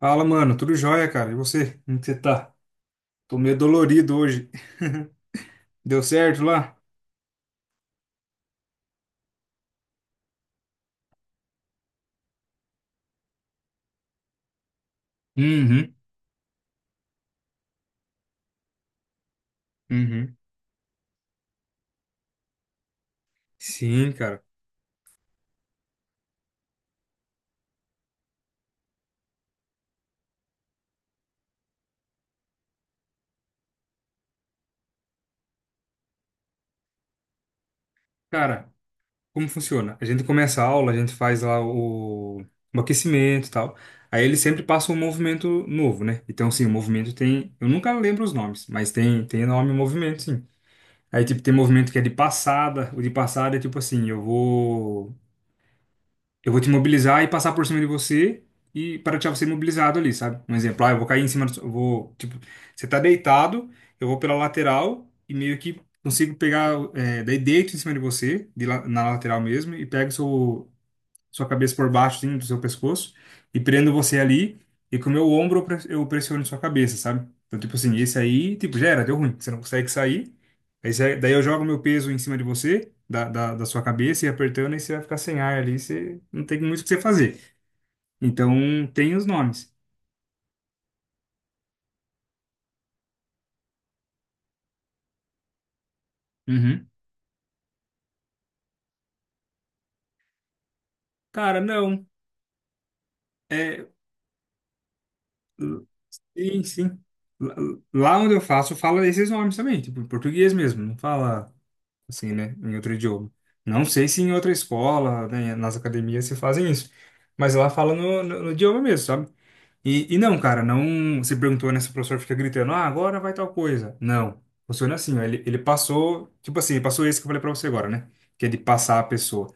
Fala, mano. Tudo jóia, cara. E você? Como que você tá? Tô meio dolorido hoje. Deu certo lá? Uhum. Uhum. Sim, cara. Cara, como funciona? A gente começa a aula, a gente faz lá o aquecimento e tal. Aí eles sempre passam um movimento novo, né? Então, sim, o movimento tem. Eu nunca lembro os nomes, mas tem nome e movimento, sim. Aí, tipo, tem movimento que é de passada. O de passada é tipo assim: eu vou te imobilizar e passar por cima de você e para deixar você imobilizado ali, sabe? Um exemplo, ah, eu vou cair em cima do, eu vou, tipo, você tá deitado, eu vou pela lateral e meio que consigo pegar, é, daí deito em cima de você, na lateral mesmo, e pego sua cabeça por baixo, assim, do seu pescoço, e prendo você ali, e com o meu ombro eu pressiono sua cabeça, sabe? Então, tipo assim, esse aí, tipo, já era, deu ruim, você não consegue sair. Daí eu jogo meu peso em cima de você, da sua cabeça, e apertando, e você vai ficar sem ar ali, você não tem muito o que você fazer. Então, tem os nomes. Uhum. Cara, não. É, sim, sim. Lá lá onde eu faço, fala esses nomes também, tipo, em português mesmo, não fala. Assim, né? Em outro idioma. Não sei se em outra escola, né, nas academias se fazem isso, mas lá fala no idioma mesmo, sabe? E não, cara, não. Você perguntou, né? Se o professor fica gritando, ah, agora vai tal coisa. Não. Funciona assim, ó, ele passou, tipo assim, ele passou esse que eu falei pra você agora, né? Que é de passar a pessoa.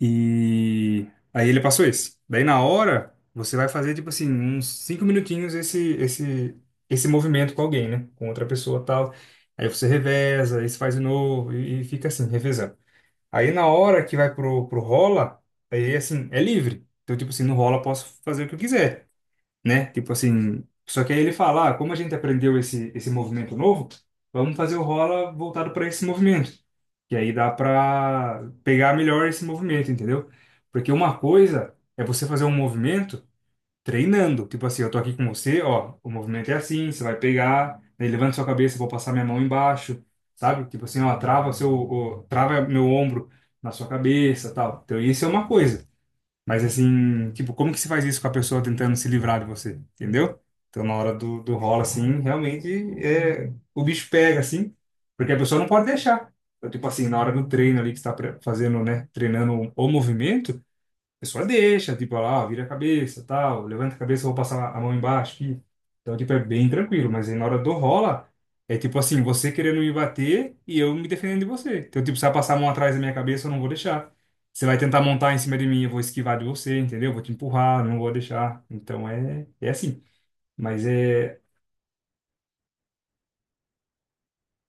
E aí ele passou esse. Daí na hora, você vai fazer, tipo assim, uns cinco minutinhos esse movimento com alguém, né? Com outra pessoa tal. Aí você reveza, aí você faz de novo e fica assim, revezando. Aí na hora que vai pro rola, aí assim, é livre. Então, tipo assim, no rola eu posso fazer o que eu quiser, né? Tipo assim, só que aí ele fala, ah, como a gente aprendeu esse movimento novo, vamos fazer o rola voltado para esse movimento. E aí dá para pegar melhor esse movimento, entendeu? Porque uma coisa é você fazer um movimento treinando, tipo assim, eu tô aqui com você, ó, o movimento é assim, você vai pegar, né, levanta sua cabeça, eu vou passar minha mão embaixo, sabe? Tipo assim, ó, trava meu ombro na sua cabeça, tal. Então isso é uma coisa. Mas assim, tipo, como que se faz isso com a pessoa tentando se livrar de você? Entendeu? Então, na hora do rola, assim, realmente é, o bicho pega, assim, porque a pessoa não pode deixar. Então, tipo assim, na hora do treino ali que você está fazendo, né? Treinando o movimento. A pessoa deixa, tipo, ela, ah, vira a cabeça, tal, levanta a cabeça, eu vou passar a mão embaixo aqui. Então, tipo, é bem tranquilo, mas aí na hora do rola, é tipo assim, você querendo me bater e eu me defendendo de você. Então, tipo, se ela passar a mão atrás da minha cabeça, eu não vou deixar. Você vai tentar montar em cima de mim, eu vou esquivar de você, entendeu? Vou te empurrar, não vou deixar. Então, é assim. Mas é...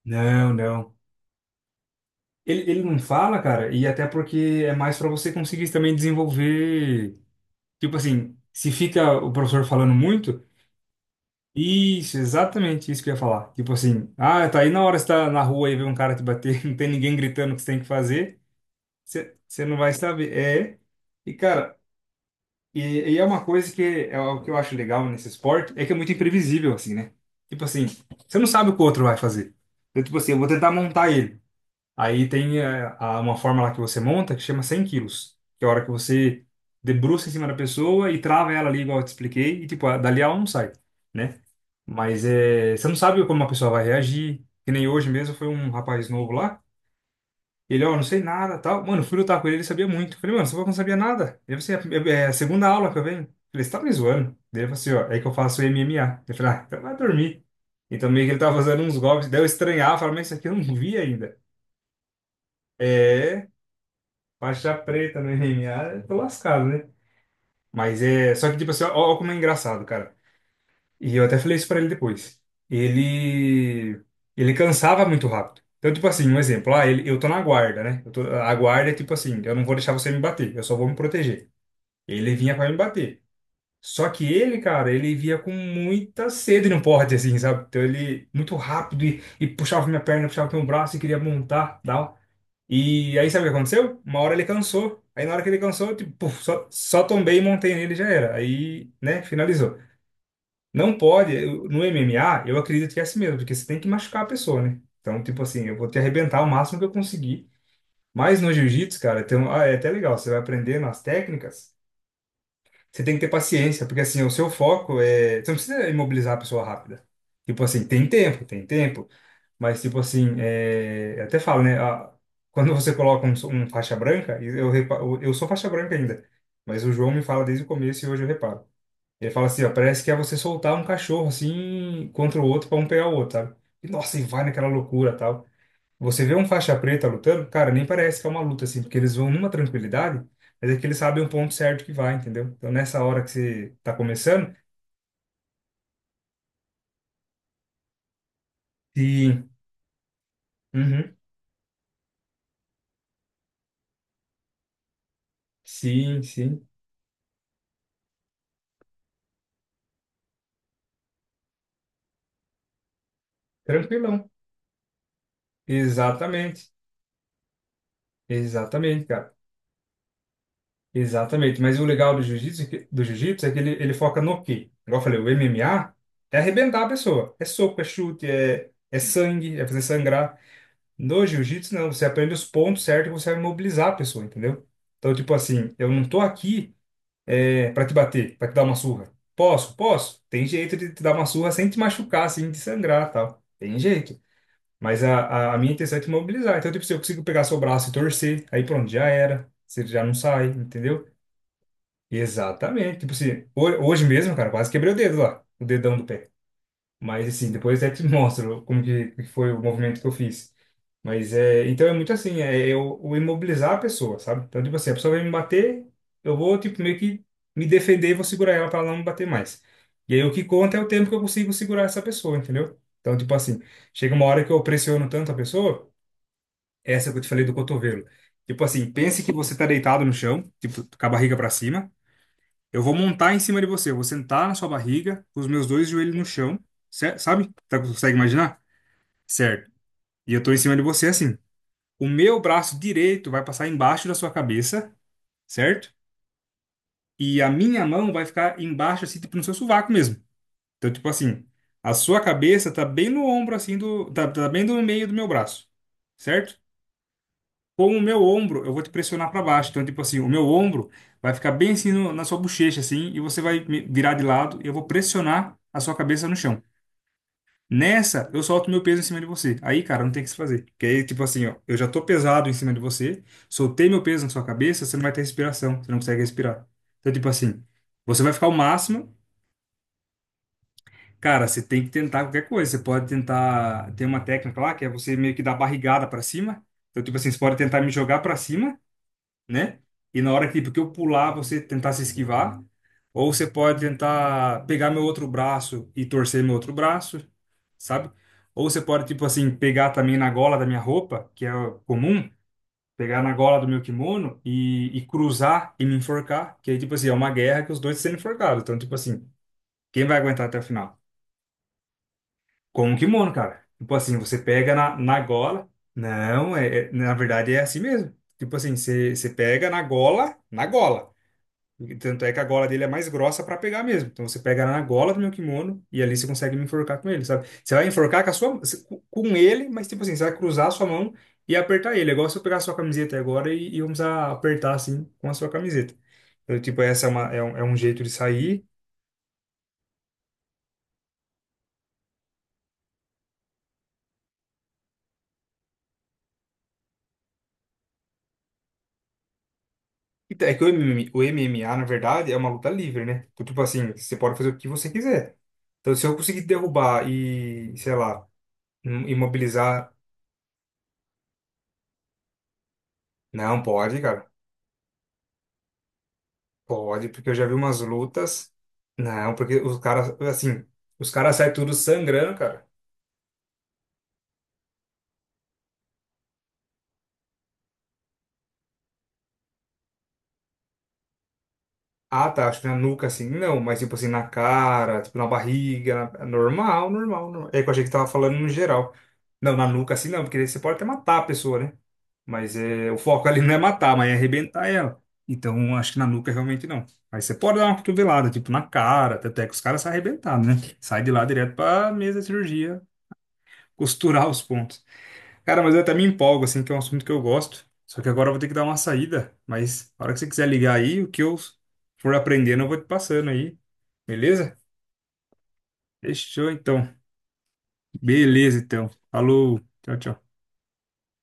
Não, não. Ele não fala, cara, e até porque é mais pra você conseguir também desenvolver... Tipo assim, se fica o professor falando muito... Isso, exatamente isso que eu ia falar. Tipo assim, ah, tá aí na hora que você tá na rua e vê um cara te bater, não tem ninguém gritando o que você tem que fazer, você não vai saber. É, e cara, e, e é uma coisa que é o que eu acho legal nesse esporte, é que é muito imprevisível, assim, né? Tipo assim, você não sabe o que o outro vai fazer. Eu, tipo assim, eu vou tentar montar ele. Aí tem uma forma lá que você monta que chama 100 quilos, que é a hora que você debruça em cima da pessoa e trava ela ali, igual eu te expliquei, e tipo, dali ela não sai, né? Mas é, você não sabe como a pessoa vai reagir, que nem hoje mesmo foi um rapaz novo lá, ele, ó, não sei nada, tal. Mano, eu fui lutar com ele, ele sabia muito. Falei, mano, você não sabia nada. Ele falou assim, é a segunda aula que eu venho. Falei, você tá me zoando? Daí ele falou assim, ó, é que eu faço MMA. Eu falei, ah, então vai dormir. Então meio que ele tava fazendo uns golpes, daí eu estranhava, falava, mas isso aqui eu não vi ainda. É, faixa preta no MMA, tô lascado, né? Mas é. Só que, tipo assim, ó como é engraçado, cara. E eu até falei isso pra ele depois. Ele. Ele cansava muito rápido. Então, tipo assim, um exemplo. Ah, eu tô na guarda, né? A guarda é tipo assim: eu não vou deixar você me bater, eu só vou me proteger. Ele vinha pra me bater. Só que ele, cara, ele via com muita sede no porte, assim, sabe? Então ele, muito rápido, e puxava minha perna, puxava meu braço e queria montar, tal. E aí sabe o que aconteceu? Uma hora ele cansou. Aí na hora que ele cansou, eu, tipo, puf, só tombei e montei nele e já era. Aí, né, finalizou. Não pode, no MMA, eu acredito que é assim mesmo, porque você tem que machucar a pessoa, né? Então, tipo assim, eu vou te arrebentar o máximo que eu conseguir. Mas no jiu-jitsu, cara, ah, é até legal, você vai aprendendo as técnicas, você tem que ter paciência, porque assim, o seu foco é. Você não precisa imobilizar a pessoa rápida. Tipo assim, tem tempo, tem tempo. Mas, tipo assim, é... eu até falo, né? Quando você coloca um faixa branca, e eu, repa... eu sou faixa branca ainda, mas o João me fala desde o começo e hoje eu reparo. Ele fala assim, ó, parece que é você soltar um cachorro assim contra o outro pra um pegar o outro, sabe? E, nossa, e vai naquela loucura tal. Você vê um faixa preta lutando, cara, nem parece que é uma luta assim, porque eles vão numa tranquilidade, mas é que eles sabem o ponto certo que vai, entendeu? Então, nessa hora que você tá começando, sim, uhum, sim, sim, tranquilão. Exatamente. Exatamente, cara. Exatamente. Mas o legal do jiu-jitsu é que ele foca no quê? Igual eu falei, o MMA é arrebentar a pessoa. É soco, é chute, é sangue, é fazer sangrar. No jiu-jitsu, não. Você aprende os pontos certos que você vai mobilizar a pessoa, entendeu? Então, tipo assim, eu não tô aqui é, para te bater, para te dar uma surra. Posso? Posso. Tem jeito de te dar uma surra sem te machucar, sem te sangrar, tal. Tem jeito. Mas a minha intenção é te mobilizar. Então, tipo, se eu consigo pegar seu braço e torcer, aí pronto, já era. Você já não sai, entendeu? Exatamente. Tipo assim, hoje mesmo, cara, quase quebrei o dedo lá, o dedão do pé. Mas assim, depois até te mostro como que foi o movimento que eu fiz. Mas é, então é muito assim, é eu, o imobilizar a pessoa, sabe? Então, tipo assim, a pessoa vai me bater, eu vou, tipo, meio que me defender e vou segurar ela pra ela não me bater mais. E aí o que conta é o tempo que eu consigo segurar essa pessoa, entendeu? Então, tipo assim, chega uma hora que eu pressiono tanto a pessoa essa que eu te falei do cotovelo. Tipo assim, pense que você tá deitado no chão, tipo, com a barriga para cima. Eu vou montar em cima de você, eu vou sentar na sua barriga, com os meus dois joelhos no chão, sabe? Tá, consegue imaginar? Certo. E eu tô em cima de você assim. O meu braço direito vai passar embaixo da sua cabeça, certo? E a minha mão vai ficar embaixo, assim, tipo no seu sovaco mesmo. Então, tipo assim, a sua cabeça tá bem no ombro, assim, do, tá, tá bem no meio do meu braço, certo? Com o meu ombro, eu vou te pressionar para baixo. Então, tipo assim, o meu ombro vai ficar bem assim na sua bochecha, assim, e você vai me virar de lado e eu vou pressionar a sua cabeça no chão. Nessa, eu solto meu peso em cima de você. Aí, cara, não tem o que se fazer. Porque aí, tipo assim, ó, eu já tô pesado em cima de você, soltei meu peso na sua cabeça, você não vai ter respiração, você não consegue respirar. Então, tipo assim, você vai ficar o máximo. Cara, você tem que tentar qualquer coisa. Você pode tentar. Tem uma técnica lá que é você meio que dar barrigada para cima. Então, tipo assim, você pode tentar me jogar para cima, né? E na hora que, tipo, que eu pular, você tentar se esquivar. Ou você pode tentar pegar meu outro braço e torcer meu outro braço, sabe? Ou você pode, tipo assim, pegar também na gola da minha roupa, que é comum, pegar na gola do meu kimono e cruzar e me enforcar. Que aí, tipo assim, é uma guerra que os dois sendo enforcados. Então, tipo assim, quem vai aguentar até o final? Com o kimono, cara. Tipo assim, você pega na, na gola. Não, é, é- na verdade é assim mesmo. Tipo assim, você pega na gola, na gola. Tanto é que a gola dele é mais grossa pra pegar mesmo. Então você pega na gola do meu kimono e ali você consegue me enforcar com ele, sabe? Você vai enforcar com a sua, com ele, mas tipo assim, você vai cruzar a sua mão e apertar ele. É igual se eu pegar a sua camiseta agora e vamos apertar assim com a sua camiseta. Então, tipo, essa é um jeito de sair. É que o MMA, o MMA, na verdade, é uma luta livre, né? Então, tipo assim, você pode fazer o que você quiser. Então, se eu conseguir derrubar e, sei lá, imobilizar. Não, pode, cara. Pode, porque eu já vi umas lutas. Não, porque os caras, assim, os caras saem tudo sangrando, cara. Ah, tá, acho que na nuca, assim, não, mas tipo assim, na cara, tipo na barriga, é normal. É que eu achei que tava falando no geral. Não, na nuca, assim, não, porque daí você pode até matar a pessoa, né? Mas é, o foco ali não é matar, mas é arrebentar ela. Então, acho que na nuca realmente não. Mas você pode dar uma cotovelada, tipo, na cara, até que os caras saem arrebentados, né? Sai de lá direto pra mesa de cirurgia, costurar os pontos. Cara, mas eu até me empolgo, assim, que é um assunto que eu gosto. Só que agora eu vou ter que dar uma saída. Mas na hora que você quiser ligar aí, o que eu for aprendendo, eu vou te passando aí. Beleza? Fechou, então. Beleza, então. Falou. Tchau, tchau.